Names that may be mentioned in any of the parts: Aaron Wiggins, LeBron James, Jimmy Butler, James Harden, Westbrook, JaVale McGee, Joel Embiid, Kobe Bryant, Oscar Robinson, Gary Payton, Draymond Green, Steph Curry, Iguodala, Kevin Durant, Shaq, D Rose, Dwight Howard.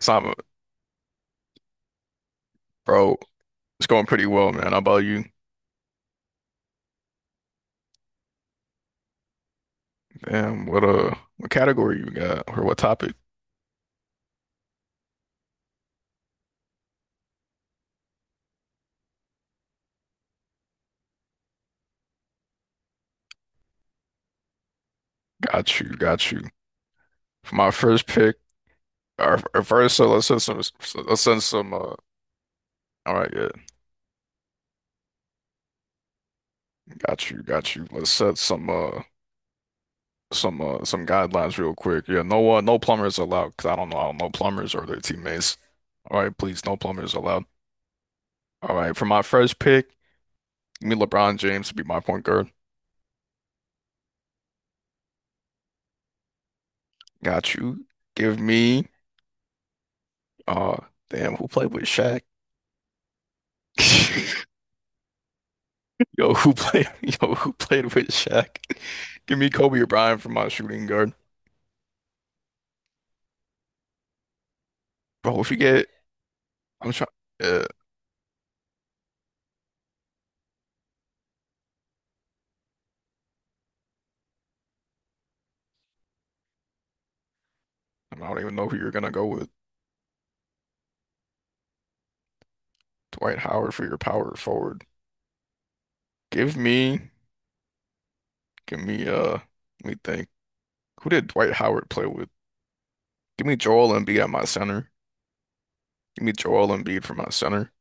So I'm, Bro, it's going pretty well, man. How about you? Damn, what category you got or what topic? Got you, got you. For my first pick, or first, so let's set some, so let's send some. All right, yeah, got you, got you. Let's set some guidelines real quick. Yeah, no plumbers allowed. Cause I don't know plumbers or their teammates. All right, please, no plumbers allowed. All right, for my first pick, give me LeBron James to be my point guard. Got you. Give me, uh, damn, who played with Shaq? Yo, who played? Yo, who played with Shaq? Give me Kobe or Bryant for my shooting guard, bro. If you get, I'm trying. Uh, I don't even know who you're gonna go with. Dwight Howard for your power forward. Give me, give me, let me think. Who did Dwight Howard play with? Give me Joel Embiid at my center. Give me Joel Embiid for my center.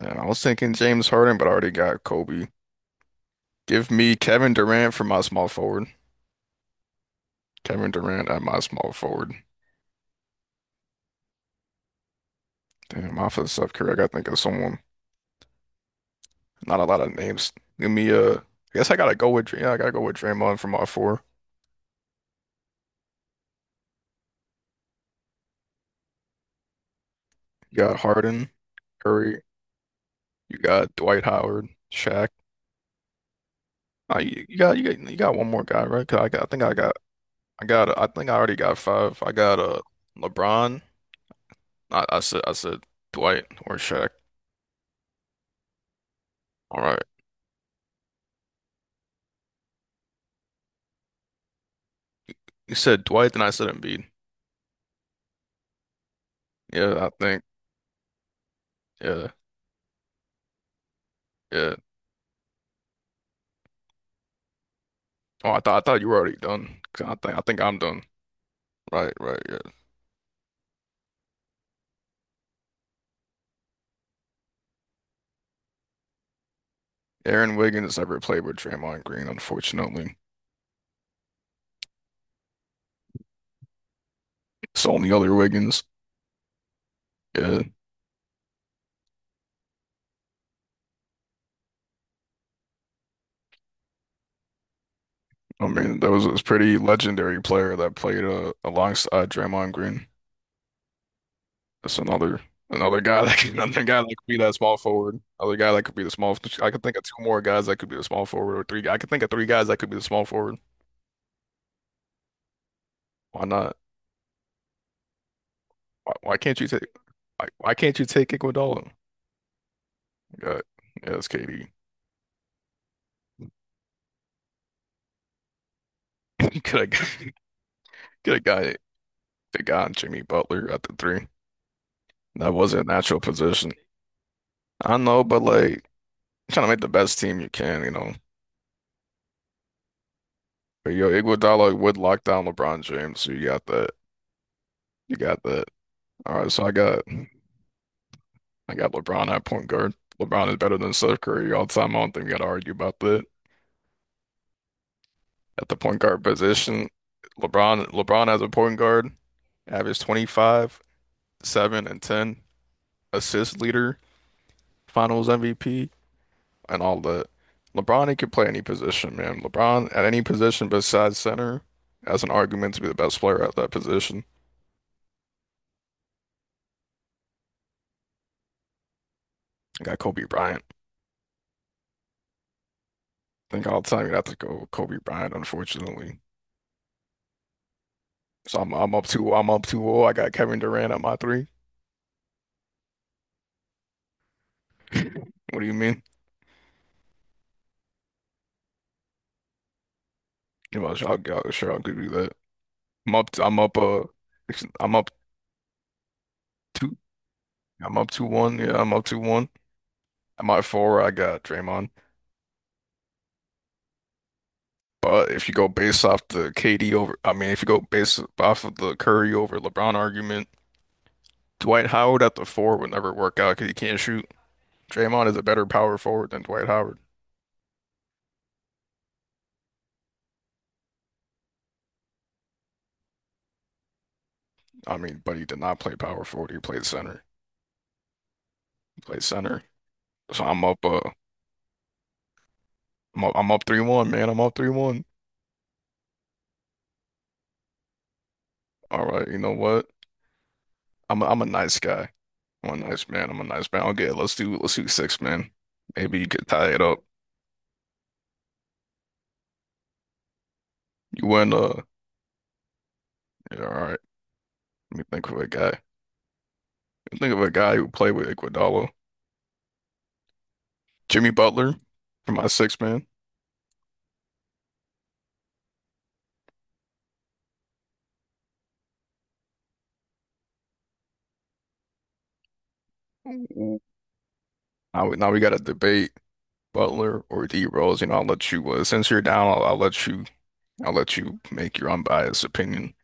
And I was thinking James Harden, but I already got Kobe. Give me Kevin Durant for my small forward. Kevin Durant at my small forward. Damn, off of Steph Curry, I gotta think of someone. Not a lot of names. Give me I guess I gotta go with yeah, I gotta go with Draymond from all four. You got Harden, Curry, you got Dwight Howard, Shaq. You got one more guy, right? 'Cause I got, I think I got I got I think I already got five. I got LeBron. I said Dwight or Shaq. All right, you said Dwight, then I said Embiid. Yeah, I think, yeah yeah. Oh, I thought you were already done. 'Cause I think I'm done. Right, right, yeah. Aaron Wiggins never played with Draymond Green, unfortunately. It's the other Wiggins. Yeah, I mean that was a pretty legendary player that played alongside Draymond Green. That's another guy that could, another guy that could be that small forward. Another guy that could be the small. I could think of two more guys that could be the small forward, or three. I could think of three guys that could be the small forward. Why not? Why can't you take? Why can't you take Iguodala? Yeah, yeah, it's KD. Get a guy- get a guy, the guy on Jimmy Butler at the three. That was a natural position. I know, but like trying to make the best team you can, you know. But yo, Iguodala would lock down LeBron James, so you got that. You got that. All right, so I got LeBron at point guard. LeBron is better than Steph Curry all the time. I don't think we gotta argue about that. At the point guard position, LeBron as a point guard, averaged 25, 7, and 10, assist leader, finals MVP, and all that. LeBron, he could play any position, man. LeBron at any position besides center, that's an argument to be the best player at that position. You got Kobe Bryant. Think all the time you'd have to go Kobe Bryant, unfortunately. So I'm up 2-0. I got Kevin Durant at my three. What do you mean? You know, sure I could do that. I'm up I'm up two I'm up 2-1. Yeah, I'm up 2-1. At my four, I got Draymond. But if you go based off the KD over, I mean, if you go based off of the Curry over LeBron argument, Dwight Howard at the four would never work out because he can't shoot. Draymond is a better power forward than Dwight Howard. I mean, but he did not play power forward. He played center. Play center. So I'm up 3-1, man. I'm up 3-1. All right, you know what? I'm a nice guy. I'm a nice man. Okay, let's do six, man. Maybe you could tie it up. You win, yeah, all right. Let me think of a guy. Think of a guy who played with Iguodala. Jimmy Butler for my six man. Ooh. Now we got to debate Butler or D Rose. You know, I'll let you since you're down, I'll let you make your unbiased opinion.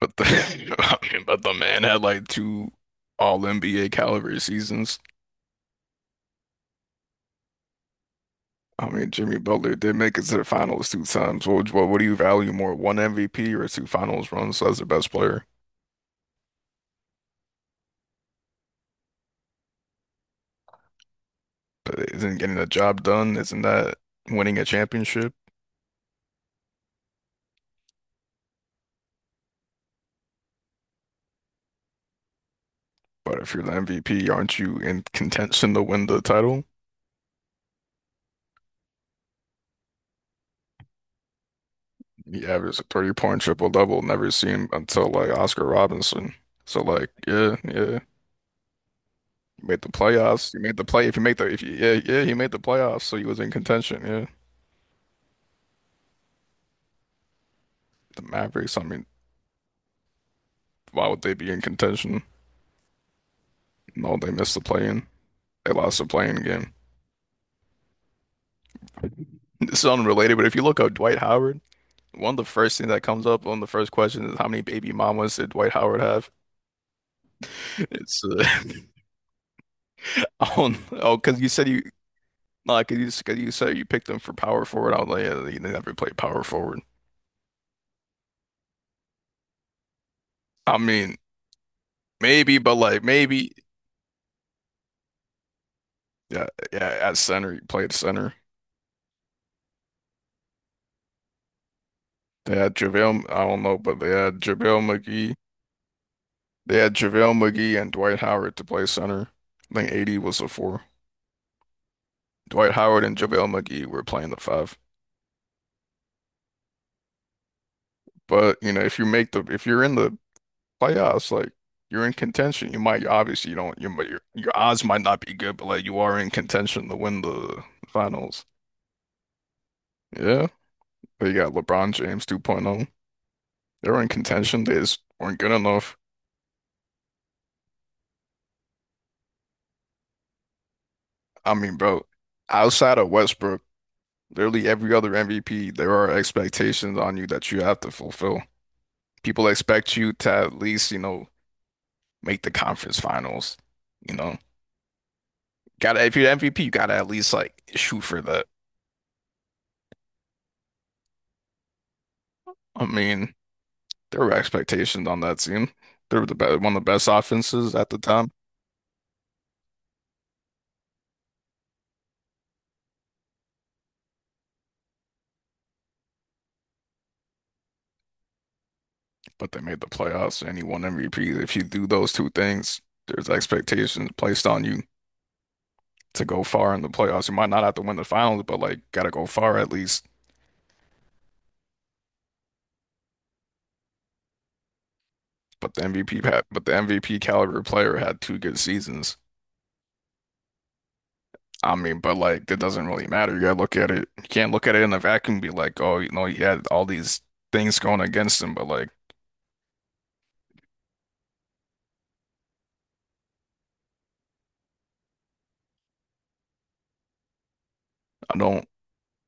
But the I mean, but the man had like two all NBA caliber seasons. I mean, Jimmy Butler did make it to the finals two times. What do you value more, one MVP or two finals runs as the best player? But isn't getting the job done, isn't that winning a championship? But if you're the MVP, aren't you in contention to win the title? He averaged a 30 point triple double, never seen until like Oscar Robinson. So like, yeah, yeah. You made the playoffs. You made the play. If you make the, if you, yeah, yeah, he made the playoffs, so he was in contention. Yeah, the Mavericks. I mean, why would they be in contention? No, they missed the play-in. They lost the play-in game. It's unrelated, but if you look up Dwight Howard, one of the first things that comes up on the first question is how many baby mamas did Dwight Howard have? It's Oh, oh, because you said you like, 'cause you said you picked him for power forward. I was like, yeah, he never played power forward. I mean, maybe, but like maybe, yeah, yeah, at center, he played center. They had JaVale, I don't know, but they had JaVale McGee. They had JaVale McGee and Dwight Howard to play center. I think 80 was the four. Dwight Howard and JaVale McGee were playing the five. But, you know, if you're in the playoffs, like you're in contention, you might obviously you don't you might- your odds might not be good, but like you are in contention to win the finals. Yeah. They got LeBron James 2.0. They were in contention. They just weren't good enough. I mean, bro, outside of Westbrook, literally every other MVP, there are expectations on you that you have to fulfill. People expect you to at least, make the conference finals. You know, gotta if you're the MVP, you gotta at least like shoot for that. I mean, there were expectations on that team. They were the best, one of the best offenses at the time, but they made the playoffs and he won MVP. If you do those two things, there's expectations placed on you to go far in the playoffs. You might not have to win the finals, but like gotta go far at least. But the MVP caliber player had two good seasons. I mean, but like that doesn't really matter. You gotta look at it. You can't look at it in a vacuum and be like, oh, you know, he had all these things going against him. But like, I don't,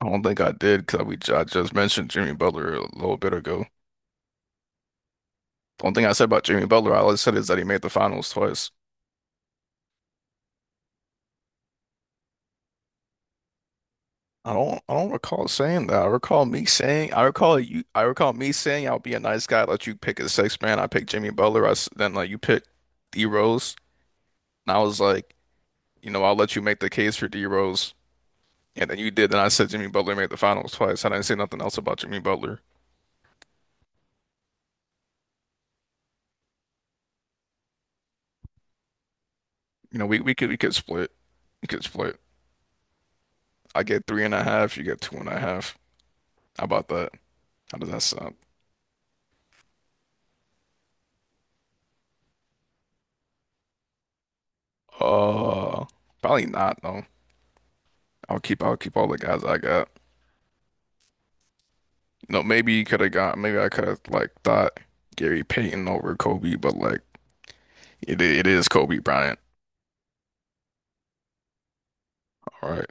I don't think I did because we I just mentioned Jimmy Butler a little bit ago. The only thing I said about Jimmy Butler, all I said is that he made the finals twice. I don't recall saying that. I recall me saying, I'll be a nice guy, let you pick a sixth man. I picked Jimmy Butler. Then like you picked D Rose, and I was like. You know, I'll let you make the case for D Rose. And then you did. Then I said Jimmy Butler made the finals twice. And I didn't say nothing else about Jimmy Butler. You know, we could split. We could split. I get three and a half, you get two and a half. How about that? How does that sound? Uh probably not though. I'll keep all the guys I got. You know, maybe I could have like thought Gary Payton over Kobe, but like it is Kobe Bryant. All right.